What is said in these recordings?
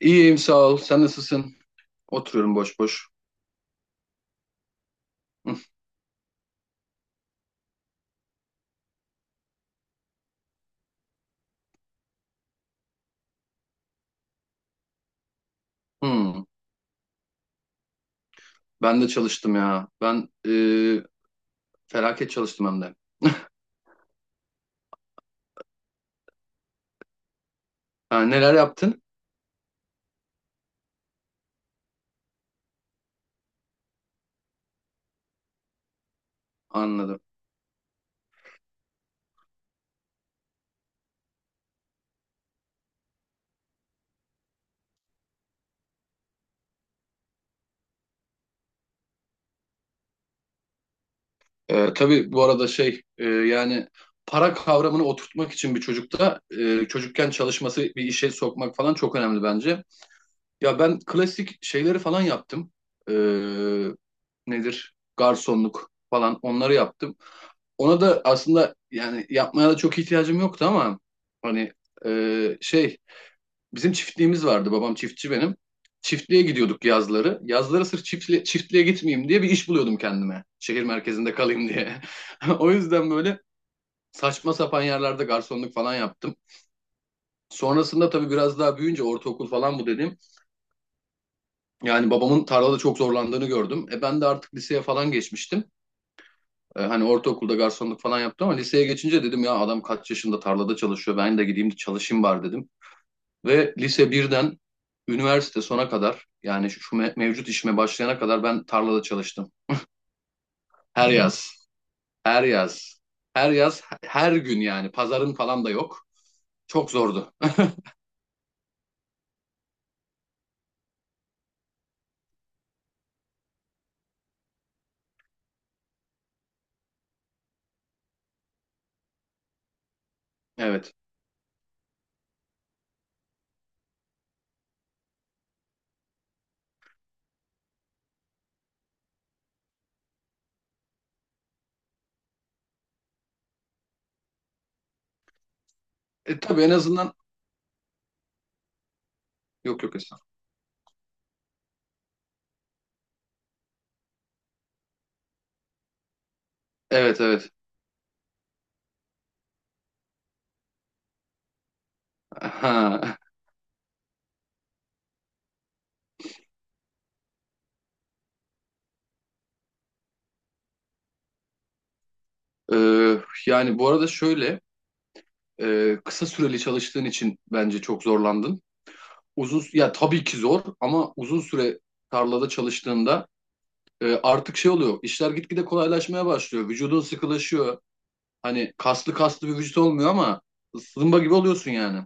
İyiyim sağ ol. Sen nasılsın? Oturuyorum boş boş. Hı, hı. Ben de çalıştım ya. Ben felaket çalıştım hem de. Ha, neler yaptın? Anladım. E, tabii bu arada şey yani para kavramını oturtmak için bir çocukken çalışması bir işe sokmak falan çok önemli bence. Ya ben klasik şeyleri falan yaptım. E, nedir? Garsonluk falan onları yaptım. Ona da aslında yani yapmaya da çok ihtiyacım yoktu ama hani şey bizim çiftliğimiz vardı, babam çiftçi benim. Çiftliğe gidiyorduk yazları. Yazları sırf çiftliğe gitmeyeyim diye bir iş buluyordum kendime. Şehir merkezinde kalayım diye. O yüzden böyle saçma sapan yerlerde garsonluk falan yaptım. Sonrasında tabii biraz daha büyüyünce ortaokul falan, bu dediğim. Yani babamın tarlada çok zorlandığını gördüm. E, ben de artık liseye falan geçmiştim. E, hani ortaokulda garsonluk falan yaptım, ama liseye geçince dedim ya adam kaç yaşında tarlada çalışıyor, ben de gideyim çalışayım bari dedim. Ve lise birden üniversite sona kadar, yani mevcut işime başlayana kadar ben tarlada çalıştım. Her yaz, her yaz, her yaz, her gün, yani pazarın falan da yok. Çok zordu. Evet. E, tabii en azından, yok yok, esnaf. Evet, evet. Ha. E, yani bu arada şöyle, kısa süreli çalıştığın için bence çok zorlandın. Uzun, ya tabii ki zor, ama uzun süre tarlada çalıştığında artık şey oluyor. İşler gitgide kolaylaşmaya başlıyor. Vücudun sıkılaşıyor. Hani kaslı kaslı bir vücut olmuyor ama zımba gibi oluyorsun yani.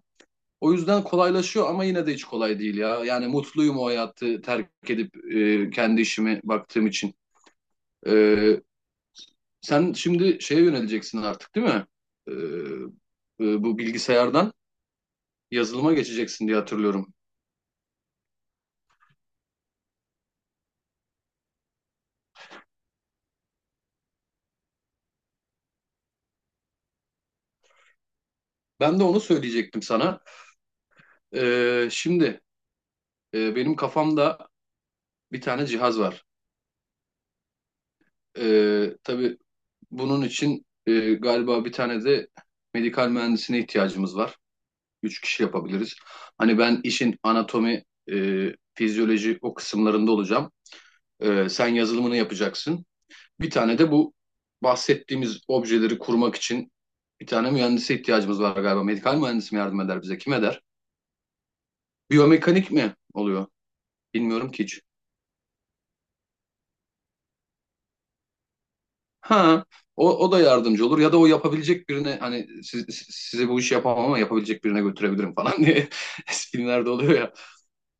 O yüzden kolaylaşıyor ama yine de hiç kolay değil ya. Yani mutluyum o hayatı terk edip kendi işime baktığım için. E, sen şimdi şeye yöneleceksin artık, değil mi? E, e, bu bilgisayardan yazılıma geçeceksin diye hatırlıyorum. Ben de onu söyleyecektim sana. Şimdi, benim kafamda bir tane cihaz var. Tabii bunun için galiba bir tane de medikal mühendisine ihtiyacımız var. Üç kişi yapabiliriz. Hani ben işin anatomi, e, fizyoloji o kısımlarında olacağım. Sen yazılımını yapacaksın. Bir tane de bu bahsettiğimiz objeleri kurmak için bir tane mühendise ihtiyacımız var galiba. Medikal mühendis mi yardım eder bize? Kim eder? Biyomekanik mi oluyor? Bilmiyorum ki hiç. Ha, o da yardımcı olur, ya da o yapabilecek birine hani, size bu işi yapamam ama yapabilecek birine götürebilirim falan diye, eskilerde oluyor ya.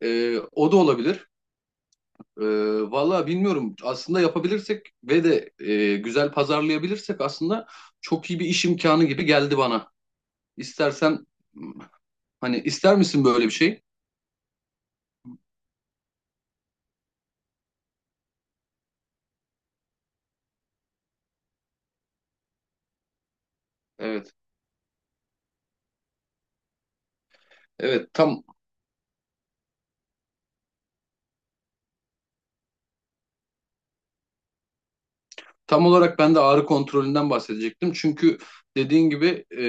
O da olabilir. Ee, Valla bilmiyorum, aslında yapabilirsek ve de güzel pazarlayabilirsek aslında çok iyi bir iş imkanı gibi geldi bana. İstersen, hani ister misin böyle bir şey? Evet. Evet, tam olarak ben de ağrı kontrolünden bahsedecektim. Çünkü dediğin gibi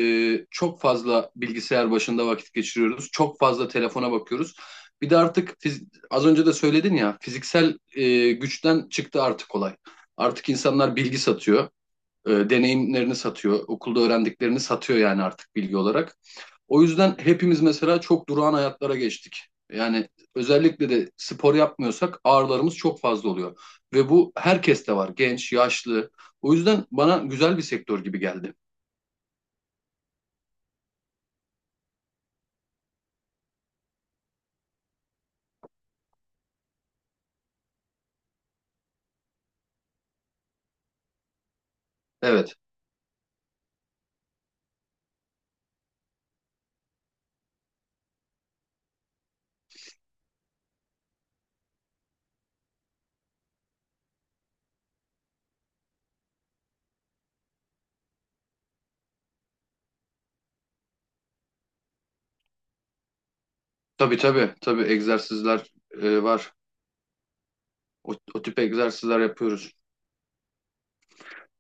çok fazla bilgisayar başında vakit geçiriyoruz. Çok fazla telefona bakıyoruz. Bir de artık az önce de söyledin ya, fiziksel güçten çıktı artık olay. Artık insanlar bilgi satıyor, deneyimlerini satıyor, okulda öğrendiklerini satıyor, yani artık bilgi olarak. O yüzden hepimiz mesela çok durağan hayatlara geçtik. Yani özellikle de spor yapmıyorsak ağrılarımız çok fazla oluyor. Ve bu herkeste var. Genç, yaşlı. O yüzden bana güzel bir sektör gibi geldi. Evet. Tabii, tabii. Tabii egzersizler var. O tip egzersizler yapıyoruz.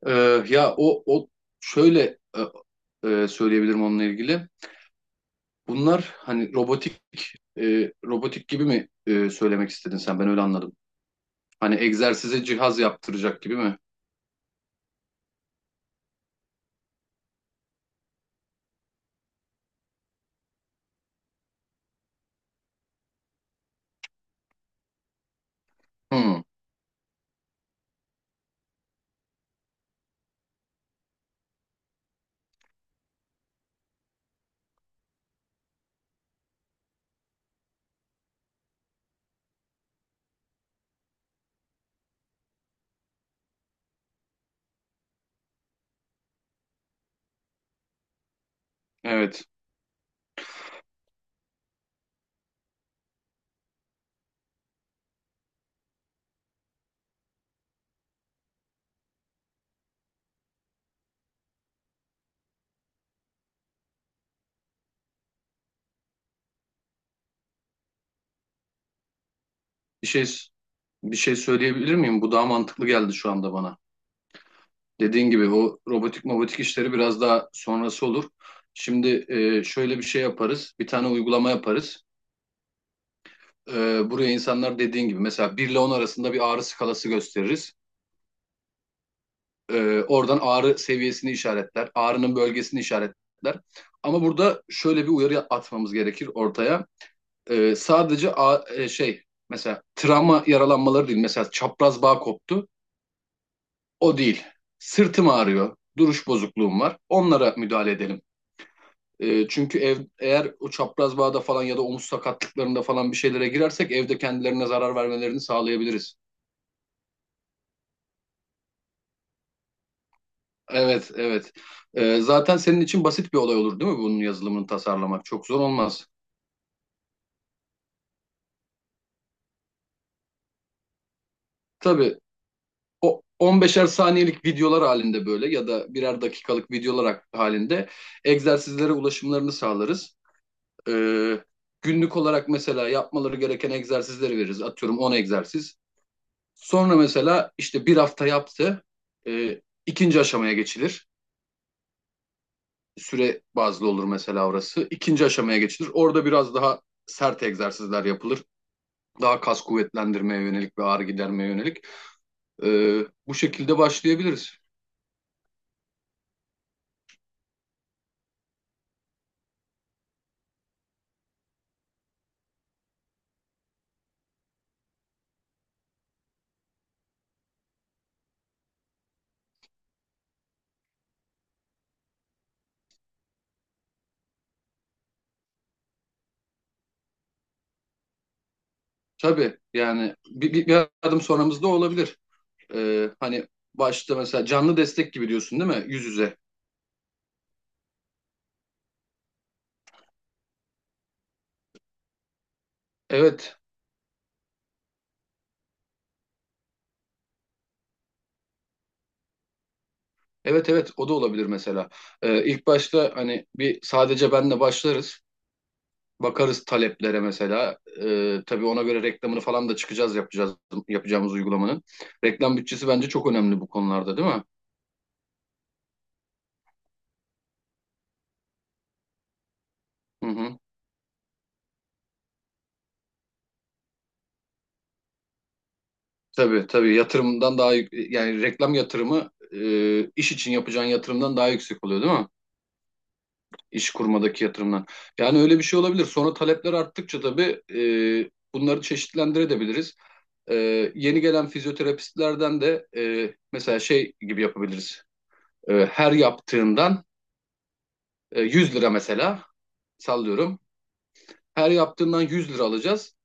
E, ya o şöyle söyleyebilirim onunla ilgili. Bunlar hani robotik gibi mi söylemek istedin sen? Ben öyle anladım. Hani egzersize cihaz yaptıracak gibi mi? Hmm. Evet. Bir şey bir şey söyleyebilir miyim? Bu daha mantıklı geldi şu anda bana. Dediğin gibi o robotik mobotik işleri biraz daha sonrası olur. Şimdi şöyle bir şey yaparız. Bir tane uygulama yaparız. E, buraya insanlar, dediğin gibi, mesela 1 ile 10 arasında bir ağrı skalası gösteririz. E, oradan ağrı seviyesini işaretler. Ağrının bölgesini işaretler. Ama burada şöyle bir uyarı atmamız gerekir ortaya. E, sadece şey, mesela travma yaralanmaları değil. Mesela çapraz bağ koptu. O değil. Sırtım ağrıyor. Duruş bozukluğum var. Onlara müdahale edelim. Çünkü eğer o çapraz bağda falan ya da omuz sakatlıklarında falan bir şeylere girersek evde kendilerine zarar vermelerini sağlayabiliriz. Evet, evet. Zaten senin için basit bir olay olur değil mi bunun yazılımını tasarlamak? Çok zor olmaz. Tabii, o 15'er saniyelik videolar halinde böyle ya da birer dakikalık videolar halinde egzersizlere ulaşımlarını sağlarız. Ee, Günlük olarak mesela yapmaları gereken egzersizleri veririz. Atıyorum 10 egzersiz. Sonra mesela işte bir hafta yaptı. Ee, ikinci aşamaya geçilir. Süre bazlı olur mesela orası. İkinci aşamaya geçilir. Orada biraz daha sert egzersizler yapılır. Daha kas kuvvetlendirmeye yönelik ve ağrı gidermeye yönelik. Bu şekilde başlayabiliriz. Tabii yani bir adım sonramızda olabilir. Hani başta mesela canlı destek gibi diyorsun, değil mi? Yüz yüze. Evet. Evet, evet, o da olabilir mesela. İlk başta hani bir sadece benle başlarız. Bakarız taleplere mesela. Tabii ona göre reklamını falan da çıkacağız, yapacağız yapacağımız uygulamanın. Reklam bütçesi bence çok önemli bu konularda, değil mi? Hı, hı. Tabii, tabii, yatırımdan daha yani reklam yatırımı, iş için yapacağın yatırımdan daha yüksek oluyor, değil mi? İş kurmadaki yatırımdan. Yani öyle bir şey olabilir. Sonra talepler arttıkça tabii bunları çeşitlendirebiliriz. Yeni gelen fizyoterapistlerden de mesela şey gibi yapabiliriz. Her yaptığından 100 lira mesela, sallıyorum. Her yaptığından 100 lira alacağız.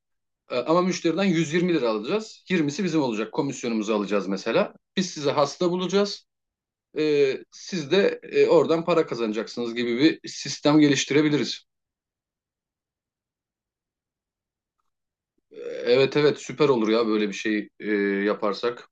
Ama müşteriden 120 lira alacağız. 20'si bizim olacak. Komisyonumuzu alacağız mesela. Biz size hasta bulacağız. Siz de oradan para kazanacaksınız gibi bir sistem geliştirebiliriz. Ee, Evet, evet, süper olur ya böyle bir şey yaparsak.